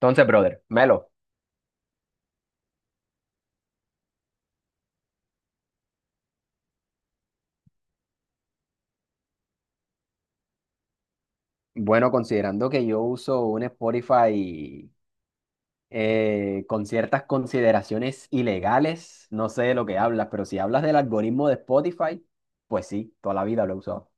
Entonces, brother, Melo. Bueno, considerando que yo uso un Spotify con ciertas consideraciones ilegales, no sé de lo que hablas, pero si hablas del algoritmo de Spotify, pues sí, toda la vida lo he usado.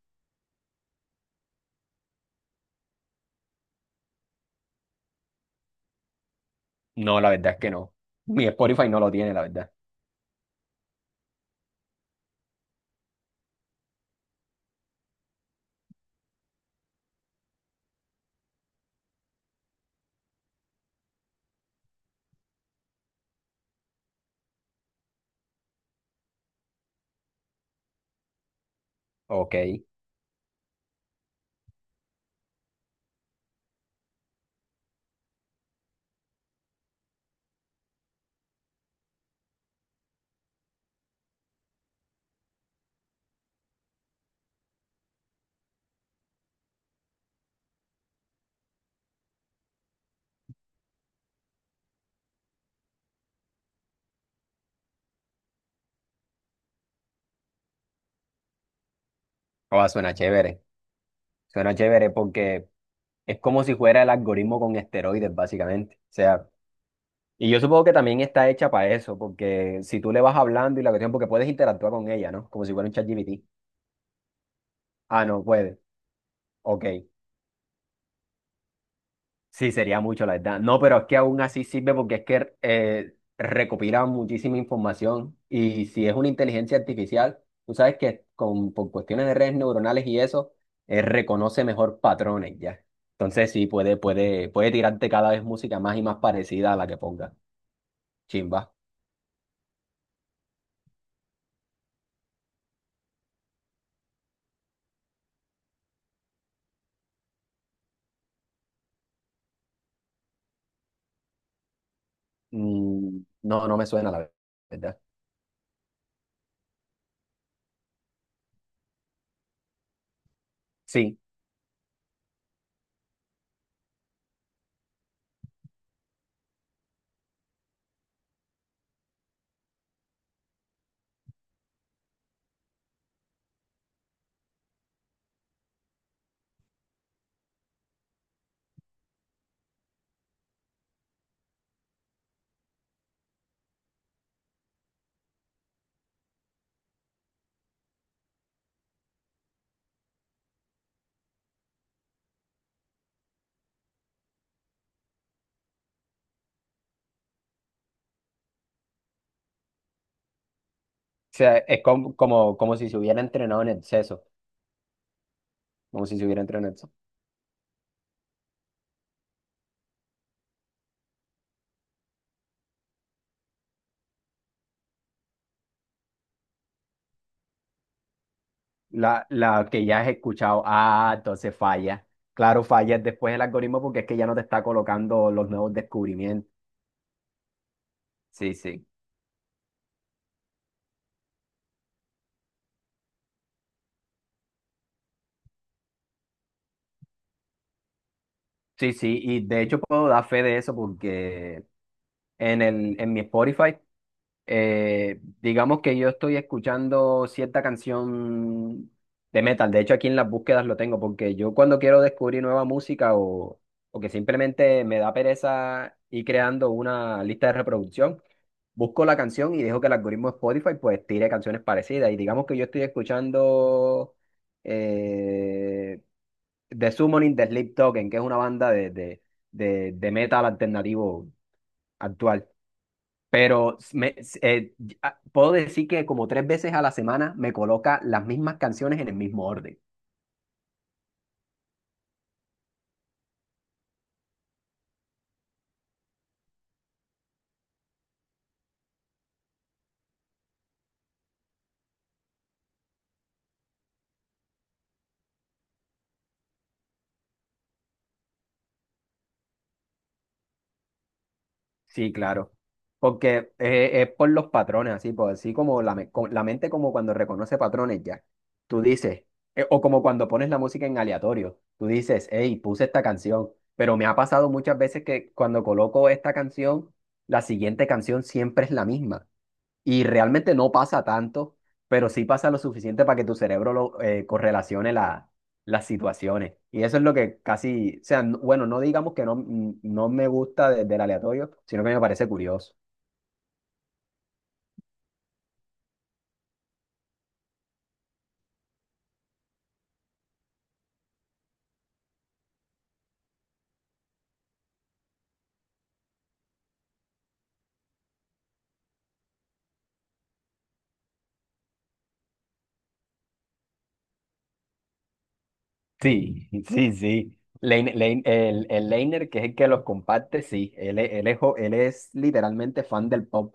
No, la verdad es que no. Mi Spotify no lo tiene, la verdad. Ok. Oh, suena chévere. Suena chévere porque es como si fuera el algoritmo con esteroides, básicamente. O sea, y yo supongo que también está hecha para eso, porque si tú le vas hablando y la cuestión, porque puedes interactuar con ella, ¿no? Como si fuera un ChatGPT. Ah, no puede. Ok. Sí, sería mucho, la verdad. No, pero es que aún así sirve porque es que recopila muchísima información y si es una inteligencia artificial, tú sabes que por cuestiones de redes neuronales y eso, reconoce mejor patrones ya. Entonces sí, puede tirarte cada vez música más y más parecida a la que ponga. Chimba. No, no me suena, la verdad. Sí, o sea, es como si se hubiera entrenado en exceso, como si se hubiera entrenado en exceso. La que ya has escuchado, ah, entonces falla. Claro, falla después el algoritmo porque es que ya no te está colocando los nuevos descubrimientos. Sí, sí. Sí, sí, y de hecho puedo dar fe de eso porque en mi Spotify. Digamos que yo estoy escuchando cierta canción de metal. De hecho, aquí en las búsquedas lo tengo, porque yo cuando quiero descubrir nueva música o que simplemente me da pereza ir creando una lista de reproducción, busco la canción y dejo que el algoritmo de Spotify pues tire canciones parecidas. Y digamos que yo estoy escuchando eh, The Summoning de Sleep Token, que es una banda de metal alternativo actual. Pero eh, puedo decir que como tres veces a la semana me coloca las mismas canciones en el mismo orden. Sí, claro. Porque es por los patrones, así, pues así como la mente como cuando reconoce patrones ya. Tú dices, o como cuando pones la música en aleatorio, tú dices, hey, puse esta canción. Pero me ha pasado muchas veces que cuando coloco esta canción, la siguiente canción siempre es la misma. Y realmente no pasa tanto, pero sí pasa lo suficiente para que tu cerebro correlacione las situaciones. Y eso es lo que casi, o sea, bueno, no digamos que no, no me gusta del aleatorio, sino que me parece curioso. Sí, sí, sí. El Leiner, que es el que los comparte, sí. Él es literalmente fan del pop.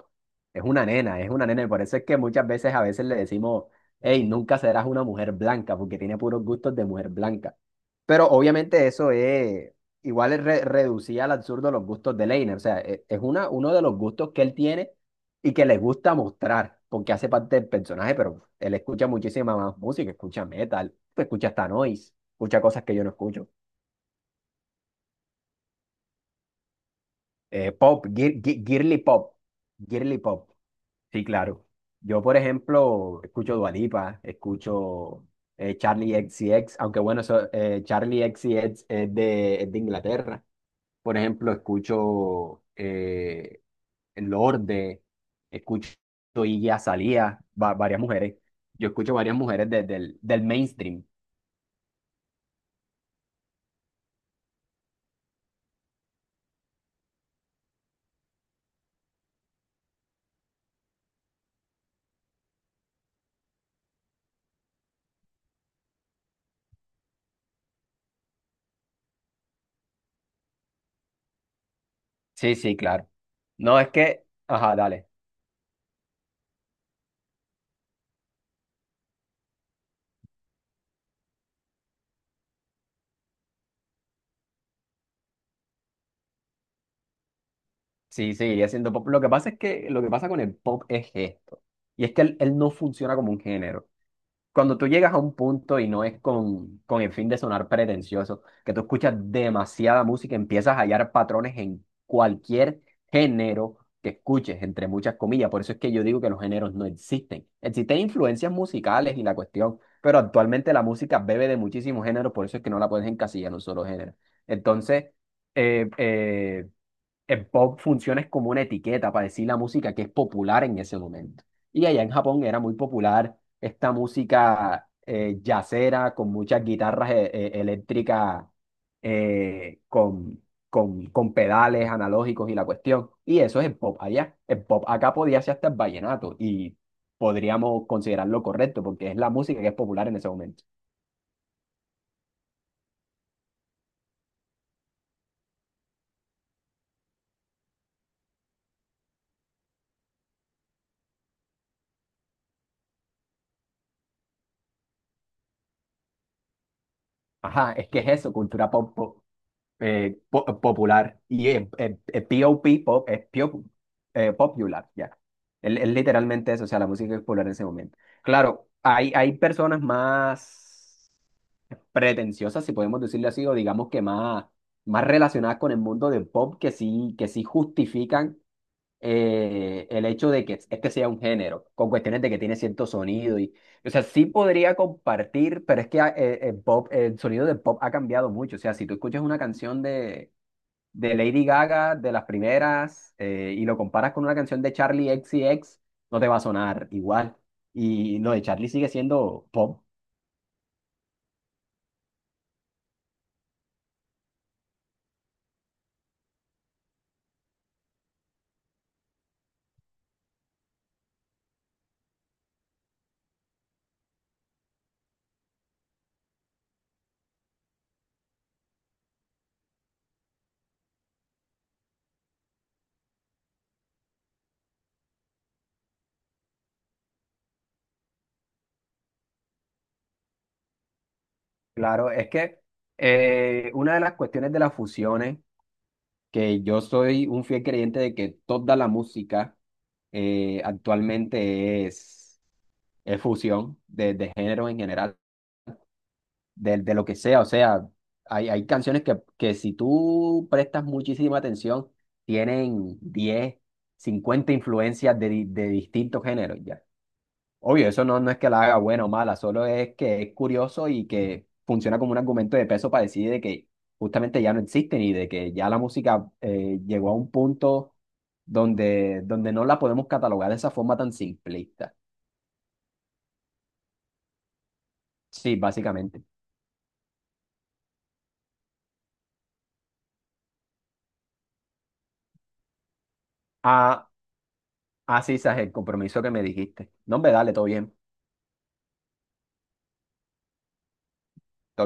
Es una nena, es una nena. Y por eso es que muchas veces a veces le decimos, hey, nunca serás una mujer blanca, porque tiene puros gustos de mujer blanca. Pero obviamente eso es, igual es reducía al absurdo los gustos de Leiner. O sea, e- es uno de los gustos que él tiene y que le gusta mostrar, porque hace parte del personaje, pero él escucha muchísima más música, escucha metal, escucha hasta noise escucha cosas que yo no escucho. Pop, girly pop, girly pop, sí, claro. Yo, por ejemplo, escucho Dua Lipa, escucho Charlie x C X, aunque bueno, eso, Charlie x C X es de Inglaterra. Por ejemplo, escucho Lorde, escucho Iggy Azalea, varias mujeres. Yo escucho varias mujeres del mainstream. Sí, sí, claro. No, es que, ajá, dale. Sí, seguiría siendo pop. Lo que pasa es que lo que pasa con el pop es esto. Y es que él no funciona como un género. Cuando tú llegas a un punto y no es con el fin de sonar pretencioso, que tú escuchas demasiada música, empiezas a hallar patrones en cualquier género que escuches, entre muchas comillas. Por eso es que yo digo que los géneros no existen. Existen influencias musicales y la cuestión, pero actualmente la música bebe de muchísimos géneros, por eso es que no la puedes encasillar en un solo género. Entonces, eh, eh, el pop funciona es como una etiqueta para decir la música que es popular en ese momento. Y allá en Japón era muy popular esta música jazzera con muchas guitarras eléctricas eh, con, con pedales analógicos y la cuestión. Y eso es el pop allá. El pop acá podía ser hasta el vallenato y podríamos considerarlo correcto porque es la música que es popular en ese momento. Ajá, es que es eso, cultura pop, popular. Y pop, pop, es popular, ya. Es literalmente eso, o sea, la música es popular en ese momento. Claro, hay personas más pretenciosas, si podemos decirle así, o digamos que más, más relacionadas con el mundo del pop, que sí justifican el hecho de que este sea un género, con cuestiones de que tiene cierto sonido y. O sea, sí podría compartir, pero es que ah, el pop, el sonido del pop ha cambiado mucho. O sea, si tú escuchas una canción de Lady Gaga, de las primeras, y lo comparas con una canción de Charlie X C X no te va a sonar igual. Y lo de Charlie sigue siendo pop. Claro, es que una de las cuestiones de las fusiones, que yo soy un fiel creyente de que toda la música actualmente es fusión de géneros en general. De lo que sea. O sea, hay canciones que si tú prestas muchísima atención, tienen 10 50 influencias de distintos géneros ya. Obvio, eso no, no es que la haga buena o mala, solo es que es curioso y que funciona como un argumento de peso para decir de que justamente ya no existen y de que ya la música llegó a un punto donde no la podemos catalogar de esa forma tan simplista. Sí, básicamente. Ah, ah, sí, Saje, el compromiso que me dijiste. No, hombre, dale, todo bien.